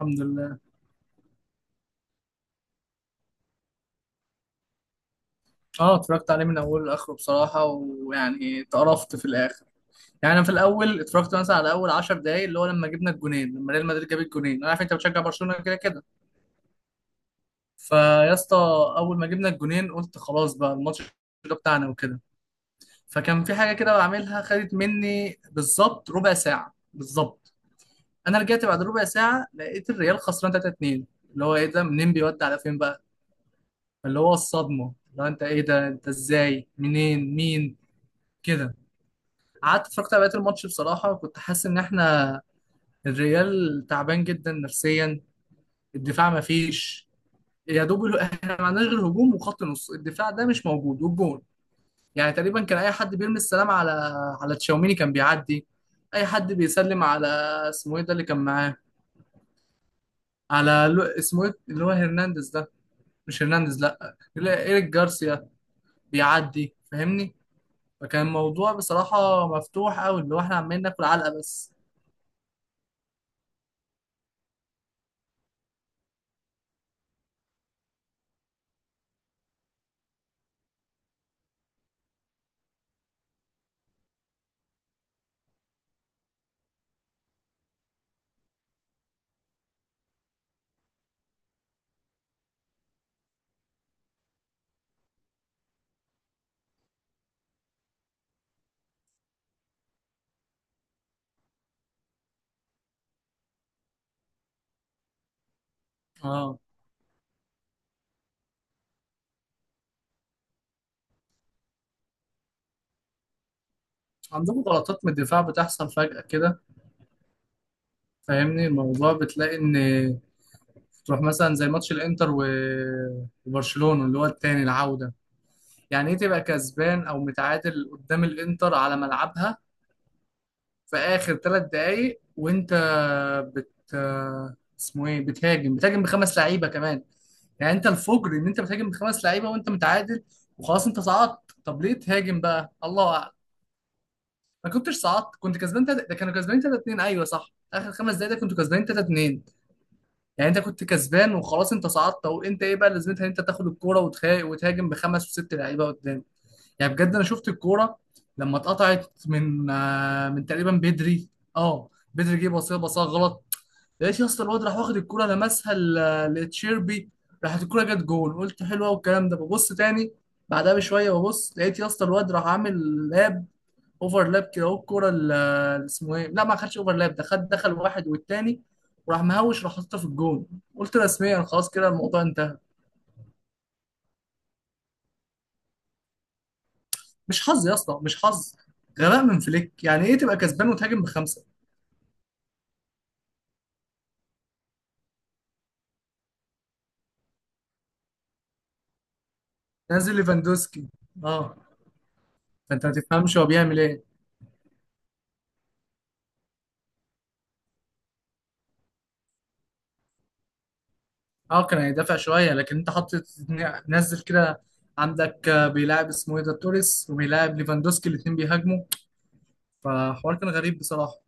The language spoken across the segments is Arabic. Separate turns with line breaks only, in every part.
الحمد لله. اه، اتفرجت عليه من اوله لاخره بصراحه، ويعني اتقرفت في الاخر. يعني انا في الاول اتفرجت مثلا على اول 10 دقايق، اللي هو لما جبنا الجونين، لما ريال مدريد جاب الجونين. انا عارف انت بتشجع برشلونه كده كده فيا اسطى. اول ما جبنا الجونين قلت خلاص بقى الماتش ده بتاعنا وكده، فكان في حاجه كده بعملها، خدت مني بالظبط ربع ساعه بالظبط. انا رجعت بعد ربع ساعه لقيت الريال خسران 3 2. اللي هو ايه ده؟ منين بيودي على فين بقى؟ اللي هو الصدمه، اللي هو انت ايه ده؟ انت ازاي؟ منين؟ مين؟ كده. قعدت اتفرجت على بقية الماتش بصراحة، وكنت حاسس إن إحنا الريال تعبان جدا نفسيا، الدفاع مفيش، يا دوب إحنا ما عندناش غير هجوم وخط نص، الدفاع ده مش موجود والجون يعني تقريبا كان أي حد بيرمي السلام على على تشاوميني كان بيعدي. أي حد بيسلم على اسمه إيه ده اللي كان معاه، على اسمه إيه اللي هو هرنانديز ده؟ مش هرنانديز، لأ لا، إيريك جارسيا، بيعدي فاهمني. فكان الموضوع بصراحة مفتوح أوي، اللي هو إحنا عمالين ناكل علقة بس. اه، عندهم غلطات من الدفاع بتحصل فجأة كده فاهمني. الموضوع بتلاقي ان تروح مثلا زي ماتش الانتر وبرشلونة اللي هو التاني العودة، يعني ايه تبقى كسبان او متعادل قدام الانتر على ملعبها في اخر 3 دقايق، وانت بت اسمه ايه بتهاجم بتهاجم بخمس لعيبة كمان؟ يعني انت الفجر ان انت بتهاجم بخمس لعيبة وانت متعادل وخلاص انت صعدت. طب ليه تهاجم بقى؟ الله اعلم. ما كنتش صعدت، كنت كسبان تلاتة، ده كانوا كسبانين 3 2، ايوه صح، اخر 5 دقايق ده كنتوا كسبانين 3 2. يعني انت كنت كسبان وخلاص انت صعدت، او انت ايه بقى لازمتها إن انت تاخد الكوره وتهاجم وتهاجم بخمس وست لعيبه قدام؟ يعني بجد انا شفت الكوره لما اتقطعت من من تقريبا بدري، اه بدري، جه بصيها بصيها غلط. لقيت يا اسطى الواد راح واخد الكوره لمسها لتشيربي، راحت الكوره جت جول، قلت حلوه والكلام ده، ببص تاني بعدها بشويه، ببص لقيت يا اسطى الواد راح عامل اوفرلاب كده، اهو الكوره اللي اسمه ايه لا، ما خدش اوفرلاب، ده خد دخل واحد والتاني، وراح مهوش، راح حاططها في الجون. قلت رسميا خلاص كده الموضوع انتهى. مش حظ يا اسطى، مش حظ، غباء من فليك. يعني ايه تبقى كسبان وتهاجم بخمسه؟ نازل ليفاندوسكي، اه، فانت ما تفهمش هو بيعمل ايه. اه كان هيدافع شويه، لكن انت حطيت، نزل كده، عندك بيلاعب اسمه ايه ده توريس، وبيلاعب ليفاندوسكي، الاثنين بيهاجموا. فحوار كان غريب بصراحه.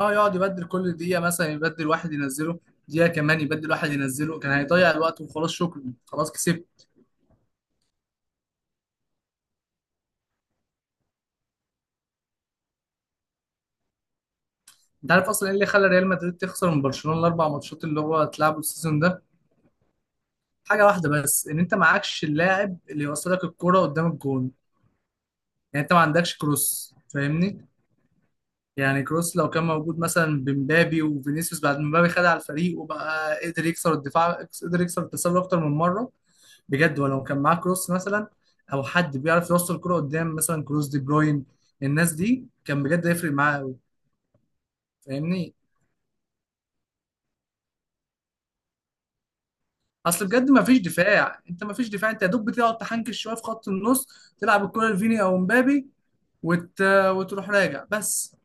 اه، يقعد يبدل كل دقيقة مثلا، يبدل واحد ينزله، دقيقة كمان يبدل واحد ينزله، كان هيضيع الوقت وخلاص، شكرا خلاص كسبت. انت عارف اصلا ايه اللي خلى ريال مدريد تخسر من برشلونة الاربع ماتشات اللي هو اتلعبوا السيزون ده؟ حاجة واحدة بس، ان انت معكش اللاعب اللي يوصلك الكرة قدام الجون. يعني انت ما عندكش كروس فاهمني. يعني كروس لو كان موجود مثلا، بمبابي وفينيسيوس بعد ما مبابي خد على الفريق وبقى قدر يكسر الدفاع، قدر يكسر التسلل اكتر من مرة بجد، ولو كان معاه كروس مثلا، او حد بيعرف يوصل الكرة قدام مثلا كروس دي بروين، الناس دي كان بجد هيفرق معاه قوي. فاهمني. اصل بجد ما فيش دفاع، انت ما فيش دفاع، انت يا دوب بتقعد تحنكش شويه في خط النص، تلعب الكرة لفيني او مبابي، وت... وتروح راجع بس.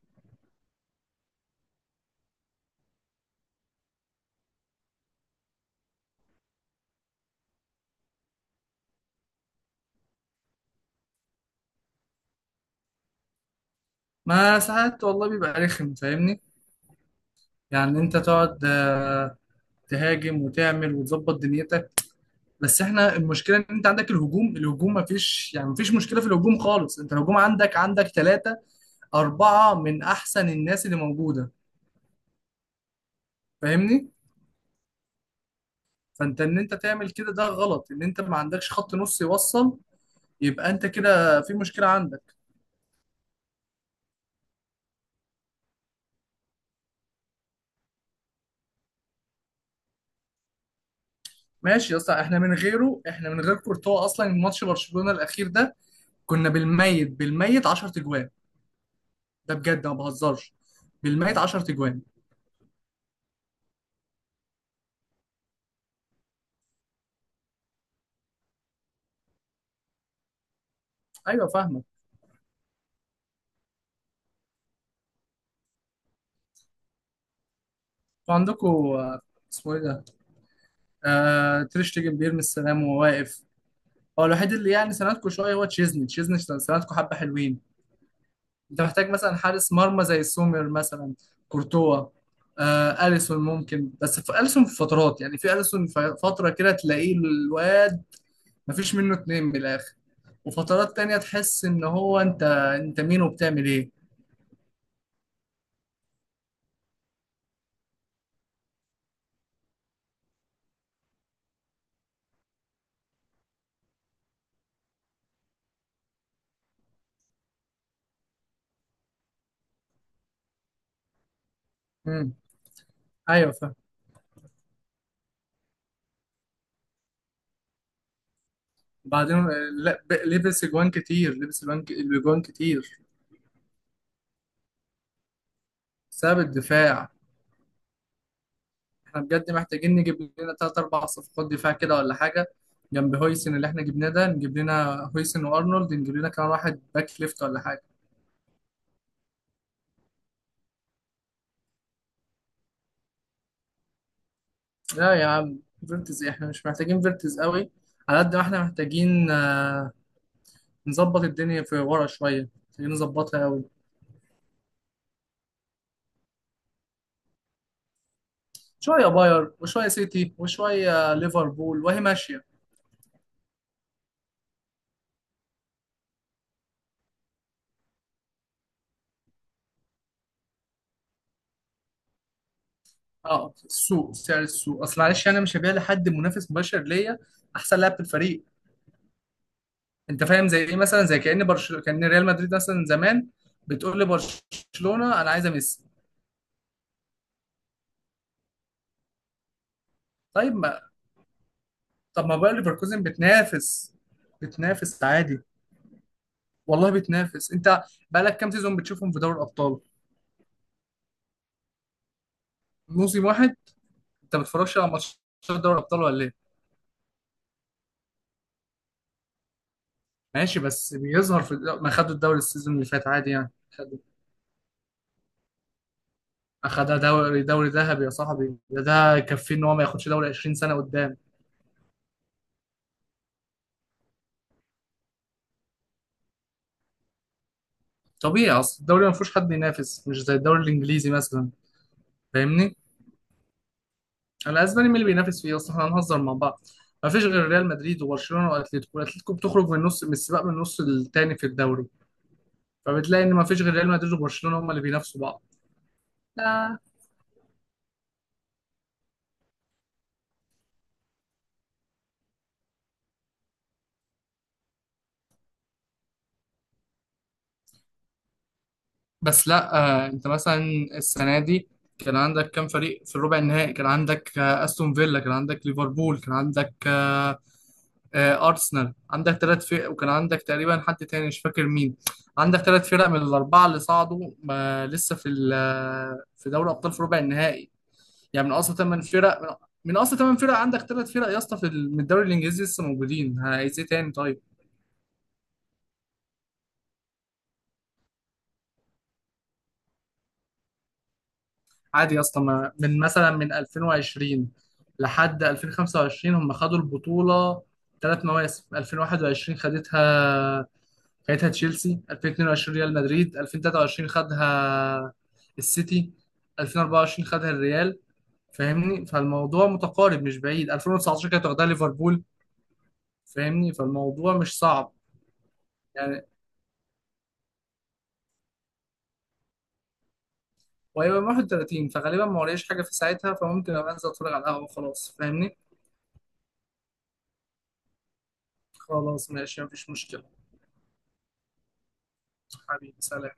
ما ساعات والله بيبقى رخم فاهمني. يعني انت تقعد تهاجم وتعمل وتظبط دنيتك. بس احنا المشكله ان انت عندك الهجوم، الهجوم ما فيش، يعني ما فيش مشكله في الهجوم خالص، انت الهجوم عندك ثلاثه أربعة من أحسن الناس اللي موجودة، فاهمني؟ فأنت إن أنت تعمل كده ده غلط، إن أنت ما عندكش خط نص يوصل. يبقى أنت كده في مشكلة عندك. ماشي يا اسطى. إحنا من غيره، إحنا من غير كورتوا أصلا، ماتش برشلونة الأخير ده كنا بالميت بالميت 10 تجوان، ده بجد ما بهزرش، بالميت 10 تجوان. أيوه فاهمك. وعندكوا اسمه إيه ده؟ آه تريش تيجن، بيرمي السلام وهو واقف. هو الوحيد اللي يعني سندكوا شوية هو تشيزني، تشيزني سندكوا حبة حلوين. انت محتاج مثلا حارس مرمى زي سومر مثلا، كورتوا، آه اليسون ممكن، بس في اليسون في فترات، يعني في اليسون في فتره كده تلاقيه الواد مفيش منه اتنين من الاخر، وفترات تانية تحس ان هو انت مين وبتعمل ايه. امم. ايوه فاهم. بعدين لا، لبس اجوان كتير، لبس اجوان اجوان كتير. بسبب الدفاع. احنا بجد محتاجين نجيب لنا 3 4 صفقات دفاع كده ولا حاجة، جنب هويسن اللي احنا جبناه ده، نجيب لنا هويسن وأرنولد، نجيب لنا كمان واحد باك ليفت ولا حاجة. لا يا عم، فيرتز إيه؟ احنا مش محتاجين فيرتز قوي، على قد ما احنا محتاجين نظبط الدنيا في ورا شوية، محتاجين نظبطها قوي. شوية باير وشوية سيتي وشوية ليفربول وهي ماشية. اه السوق، سعر السوق، اصل معلش انا مش هبيع لحد منافس مباشر ليا احسن لاعب في الفريق. انت فاهم زي ايه؟ مثلا زي كأن برشلونة كأن ريال مدريد مثلا زمان بتقول لبرشلونة انا عايزه ميسي. طيب ما. طب ما باير ليفركوزن بتنافس، بتنافس عادي. والله بتنافس، انت بقالك كام سيزون بتشوفهم في دوري الابطال؟ موسم واحد. انت ما بتتفرجش على ماتشات دوري الابطال ولا ايه؟ ماشي بس بيظهر في ما خدوا الدوري السيزون اللي فات عادي، يعني خدوا، اخدها دوري، دوري ذهبي يا صاحبي، ده ده يكفيه ان هو ما ياخدش دوري 20 سنة قدام. طبيعي، اصل الدوري ما فيهوش حد ينافس، مش زي الدوري الانجليزي مثلا، فاهمني. الاسباني مين اللي بينافس فيه اصلا؟ احنا هنهزر مع بعض. ما فيش غير ريال مدريد وبرشلونه واتلتيكو، الاتليتيكو بتخرج من النص، من السباق من النص التاني في الدوري. فبتلاقي ان ما فيش غير ريال مدريد وبرشلونه هم اللي بينافسوا بعض. بس لا، آه انت مثلا السنه دي كان عندك كام فريق في الربع النهائي؟ كان عندك آه استون فيلا، كان عندك ليفربول، كان عندك آه ارسنال، عندك 3 فرق، وكان عندك تقريبا حد تاني مش فاكر مين. عندك ثلاث فرق من الاربعه اللي صعدوا، ما لسه في في دوري ابطال في ربع النهائي. يعني من اصل 8 فرق، من من اصل 8 فرق عندك 3 فرق يا اسطى في من الدوري الانجليزي لسه موجودين، عايز ايه تاني طيب؟ عادي يا اسطى، من مثلا من 2020 لحد 2025 هم خدوا البطوله 3 مواسم. 2021 خدتها، خدتها تشيلسي، 2022 مدريد، 2023 خدها السيتي، 2024 خدها الريال، فاهمني؟ فالموضوع متقارب مش بعيد، 2019 كانت واخدها ليفربول. فاهمني؟ فالموضوع مش صعب يعني. وهيبقى 31، فغالبا ما وريش حاجه في ساعتها، فممكن ابقى انزل اتفرج على القهوه خلاص فاهمني. خلاص ماشي مفيش مشكله. حبيبي سلام.